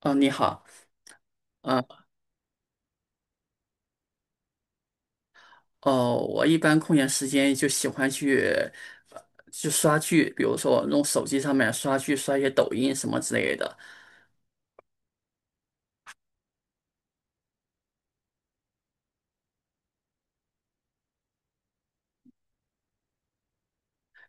哦，你好。呃，哦，我一般空闲时间就喜欢去，呃去刷剧，比如说我用手机上面刷剧，刷一些抖音什么之类的。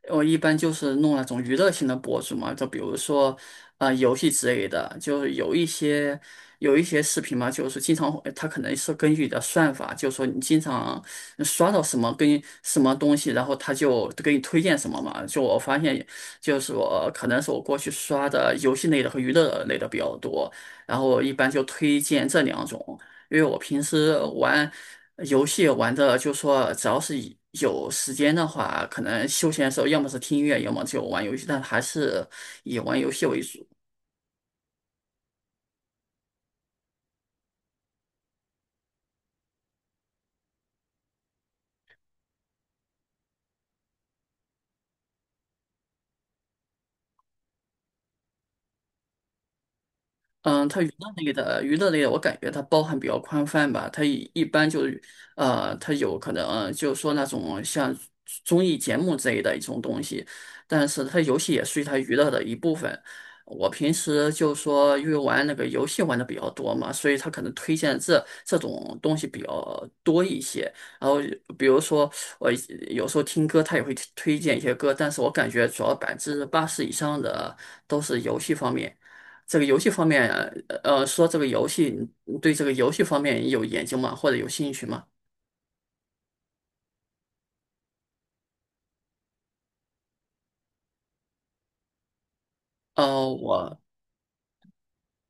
我一般就是弄那种娱乐性的博主嘛，就比如说，啊，游戏之类的，就是有一些视频嘛，就是经常会它可能是根据你的算法，就是说你经常刷到什么跟什么东西，然后它就给你推荐什么嘛。就我发现，就是我可能是我过去刷的游戏类的和娱乐类的比较多，然后我一般就推荐这两种。因为我平时玩游戏玩的，就说只要是以有时间的话，可能休闲的时候，要么是听音乐，要么就玩游戏，但还是以玩游戏为主。嗯，它娱乐类的，我感觉它包含比较宽泛吧。它一般就是，它有可能就是说那种像综艺节目之类的一种东西，但是它游戏也属于它娱乐的一部分。我平时就说因为玩那个游戏玩的比较多嘛，所以它可能推荐这种东西比较多一些。然后比如说我有时候听歌，它也会推荐一些歌，但是我感觉主要百分之八十以上的都是游戏方面。这个游戏方面，说这个游戏，你对这个游戏方面有研究吗？或者有兴趣吗？呃，我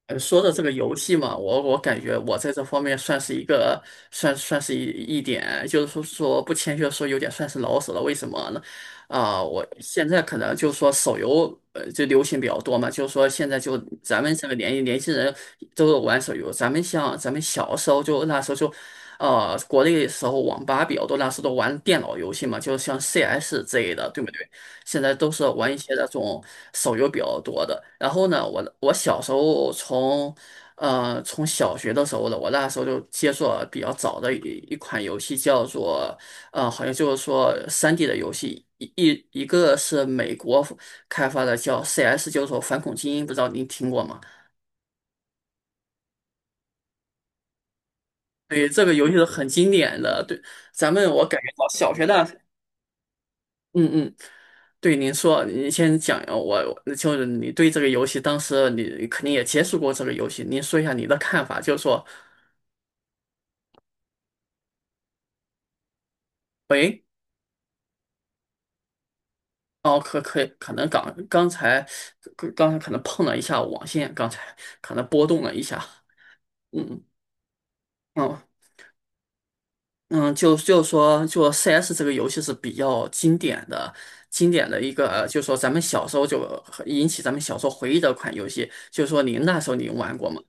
说到这个游戏嘛，我感觉我在这方面算是一个算是一点，就是说不谦虚地说，有点算是老手了。为什么呢？我现在可能就是说手游就流行比较多嘛，就是说现在就咱们这个年轻人都有玩手游，咱们像咱们小时候就那时候就。呃，国内的时候网吧比较多，那时候都玩电脑游戏嘛，就像 CS 之类的，对不对？现在都是玩一些那种手游比较多的。然后呢，我小时候从，呃，从小学的时候呢，我那时候就接触了比较早的一款游戏，叫做，呃，好像就是说 3D 的游戏，一个是美国开发的，叫 CS,就是说反恐精英，不知道您听过吗？对，这个游戏是很经典的，对，咱们我感觉到小学那。嗯嗯，对，您说，您先讲，就是你对这个游戏，当时你肯定也接触过这个游戏，您说一下你的看法，就是说，喂。哦，可以，可能刚刚才刚才可能碰了一下网线，刚才可能波动了一下。嗯嗯嗯，就说 CS 这个游戏是比较经典的，经典的一个，呃就说咱们小时候就引起咱们小时候回忆的一款游戏，就是说您那时候您玩过吗？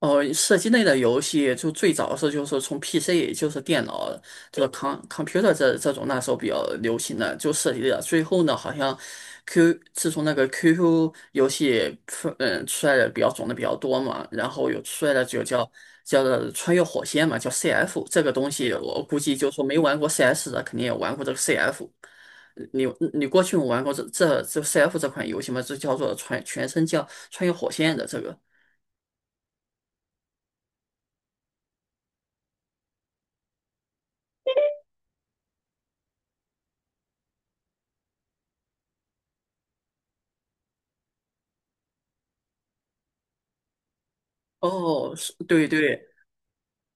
哦，射击类的游戏就最早是就是从 PC,就是电脑，这个 com computer 这种那时候比较流行的就涉及的。最后呢，好像 Q 自从那个 QQ 游戏出出来的比较种的比较多嘛，然后有出来的就叫做穿越火线嘛，叫 CF 这个东西，我估计就说没玩过 CS 的肯定也玩过这个 CF。你你过去有玩过这 CF 这款游戏吗？这叫做穿全身叫穿越火线的这个。哦，是，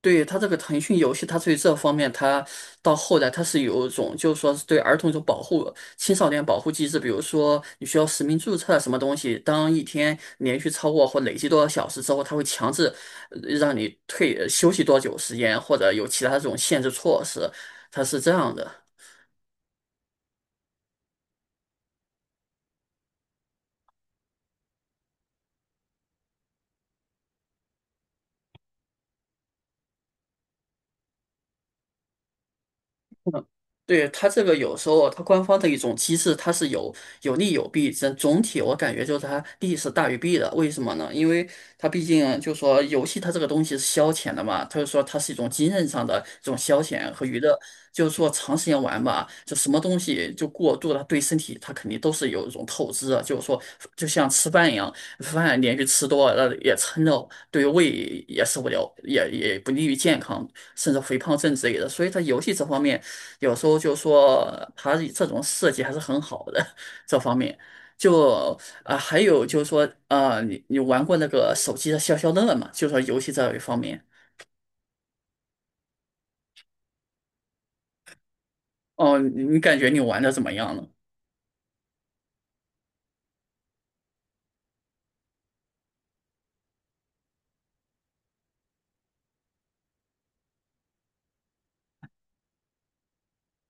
对，它这个腾讯游戏，它对这方面，它到后来它是有一种，就是说是对儿童一种保护、青少年保护机制，比如说你需要实名注册啊什么东西，当一天连续超过或累计多少小时之后，它会强制让你退休息多久时间，或者有其他这种限制措施，它是这样的。嗯，对，它这个有时候它官方的一种机制，它是有利有弊。总体我感觉就是它利是大于弊的。为什么呢？因为它毕竟就说游戏它这个东西是消遣的嘛，它就说它是一种精神上的这种消遣和娱乐。就是说长时间玩吧，就什么东西就过度了，对身体它肯定都是有一种透支的。就是说，就像吃饭一样，饭连续吃多了也撑着，对胃也受不了，也不利于健康，甚至肥胖症之类的。所以它游戏这方面。有时候就说它这种设计还是很好的，这方面。就还有就是说，啊你玩过那个手机的消消乐吗？就说游戏这一方面。哦，你感觉你玩的怎么样呢？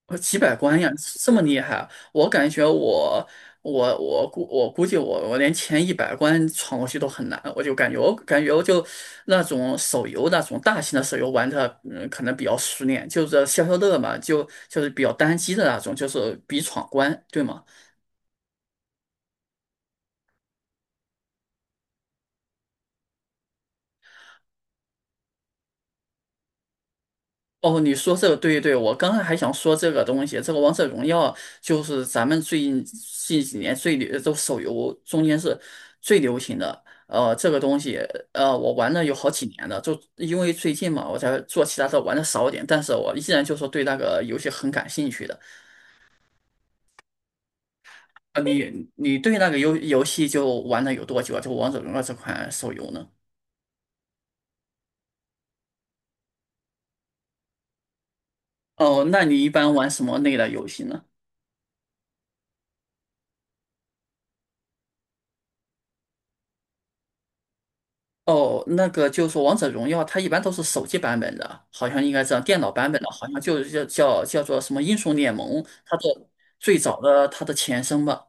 呃，几百关呀，这么厉害啊我感觉我估计我连前一百关闯过去都很难，我就感觉我就那种手游那种大型的手游玩的，嗯，可能比较熟练，就是消消乐嘛，就是比较单机的那种，就是比闯关，对吗？哦，你说这个对，对，我刚才还想说这个东西，这个王者荣耀就是咱们最近近几年最流，都手游中间是最流行的。呃，这个东西，呃，我玩了有好几年了，就因为最近嘛，我才做其他的玩的少一点，但是我依然就是对那个游戏很感兴趣的。呃，你你对那个游戏就玩了有多久啊？就王者荣耀这款手游呢？哦，那你一般玩什么类的游戏呢？哦，那个就是说王者荣耀》它一般都是手机版本的，好像应该这样。电脑版本的，好像就是叫做什么《英雄联盟》，它的最早的它的前身吧。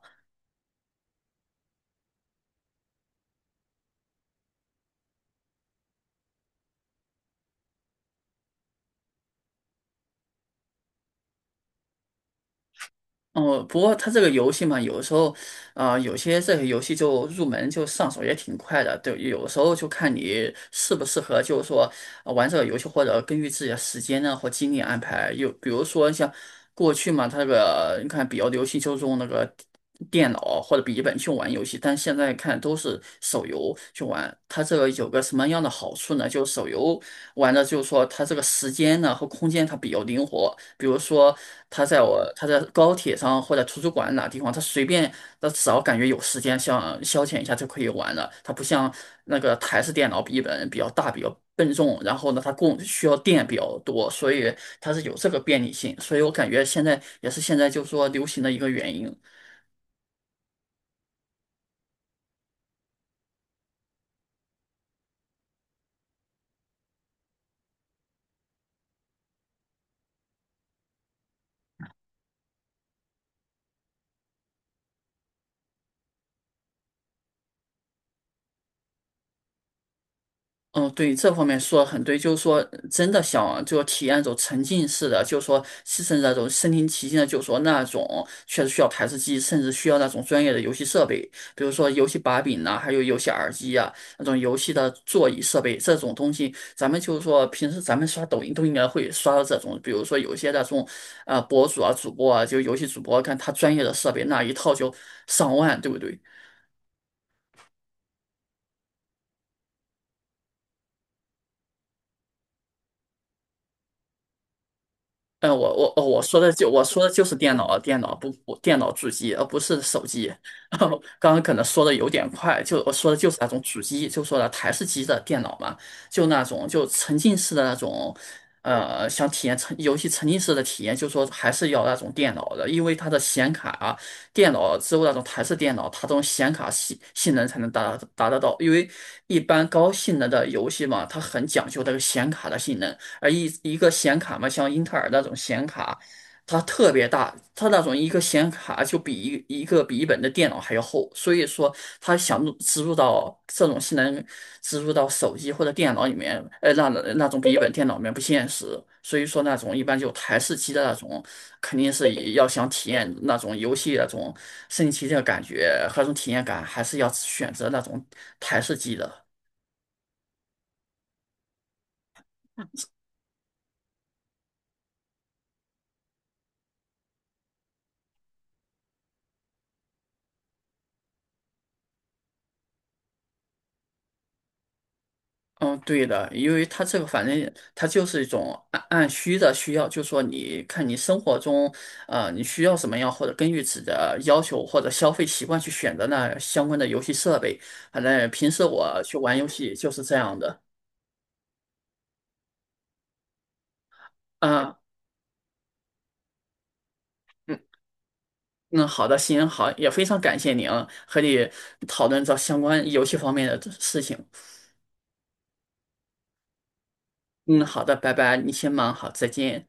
哦，不过它这个游戏嘛，有的时候，有些这个游戏就入门就上手也挺快的，对，有的时候就看你适不适合，就是说,玩这个游戏，或者根据自己的时间呢或精力安排。有比如说像过去嘛，它这个你看比较流行就是用那个电脑或者笔记本去玩游戏，但现在看都是手游去玩。它这个有个什么样的好处呢？就手游玩的就是说它这个时间呢和空间它比较灵活，比如说它在高铁上或者图书馆哪地方，它随便它只要感觉有时间想消遣一下就可以玩了，它不像那个台式电脑笔记本比较大比较。笨重，然后呢，它供需要电比较多，所以它是有这个便利性，所以我感觉现在也是现在就是说流行的一个原因。嗯，对，这方面说得很对，就是说，真的想就体验一种沉浸式的，就是说，牺牲那种身临其境的，就是说那种确实需要台式机，甚至需要那种专业的游戏设备，比如说游戏把柄呐、还有游戏耳机啊，那种游戏的座椅设备这种东西，咱们就是说平时咱们刷抖音都应该会刷到这种，比如说有些那种博主啊、主播啊，就游戏主播，看他专业的设备那一套就上万，对不对？呃，我我哦，我说的就是电脑，电脑不不电脑主机，而不是手机。刚刚可能说的有点快，就我说的就是那种主机，就说了台式机的电脑嘛，就那种就沉浸式的那种。呃，想体验沉游戏沉浸式的体验，就说还是要那种电脑的，因为它的显卡啊，电脑之后那种台式电脑，它这种显卡性能才能达得到，因为一般高性能的游戏嘛，它很讲究这个显卡的性能。呃一个显卡嘛，像英特尔那种显卡，它特别大，它那种一个显卡就比一个笔记本的电脑还要厚，所以说它想入植入到这种性能植入到手机或者电脑里面，那种笔记本电脑里面不现实，所以说那种一般就台式机的那种，肯定是以要想体验那种游戏那种升级的感觉和那种体验感，还是要选择那种台式机的。嗯，对的，因为它这个反正它就是一种按需的需要，就说你看你生活中，呃，你需要什么样，或者根据自己的要求或者消费习惯去选择那相关的游戏设备。反正平时我去玩游戏就是这样的。啊，嗯嗯，好的，行，好，也非常感谢您和你讨论这相关游戏方面的事情。嗯，好的，拜拜，你先忙好，再见。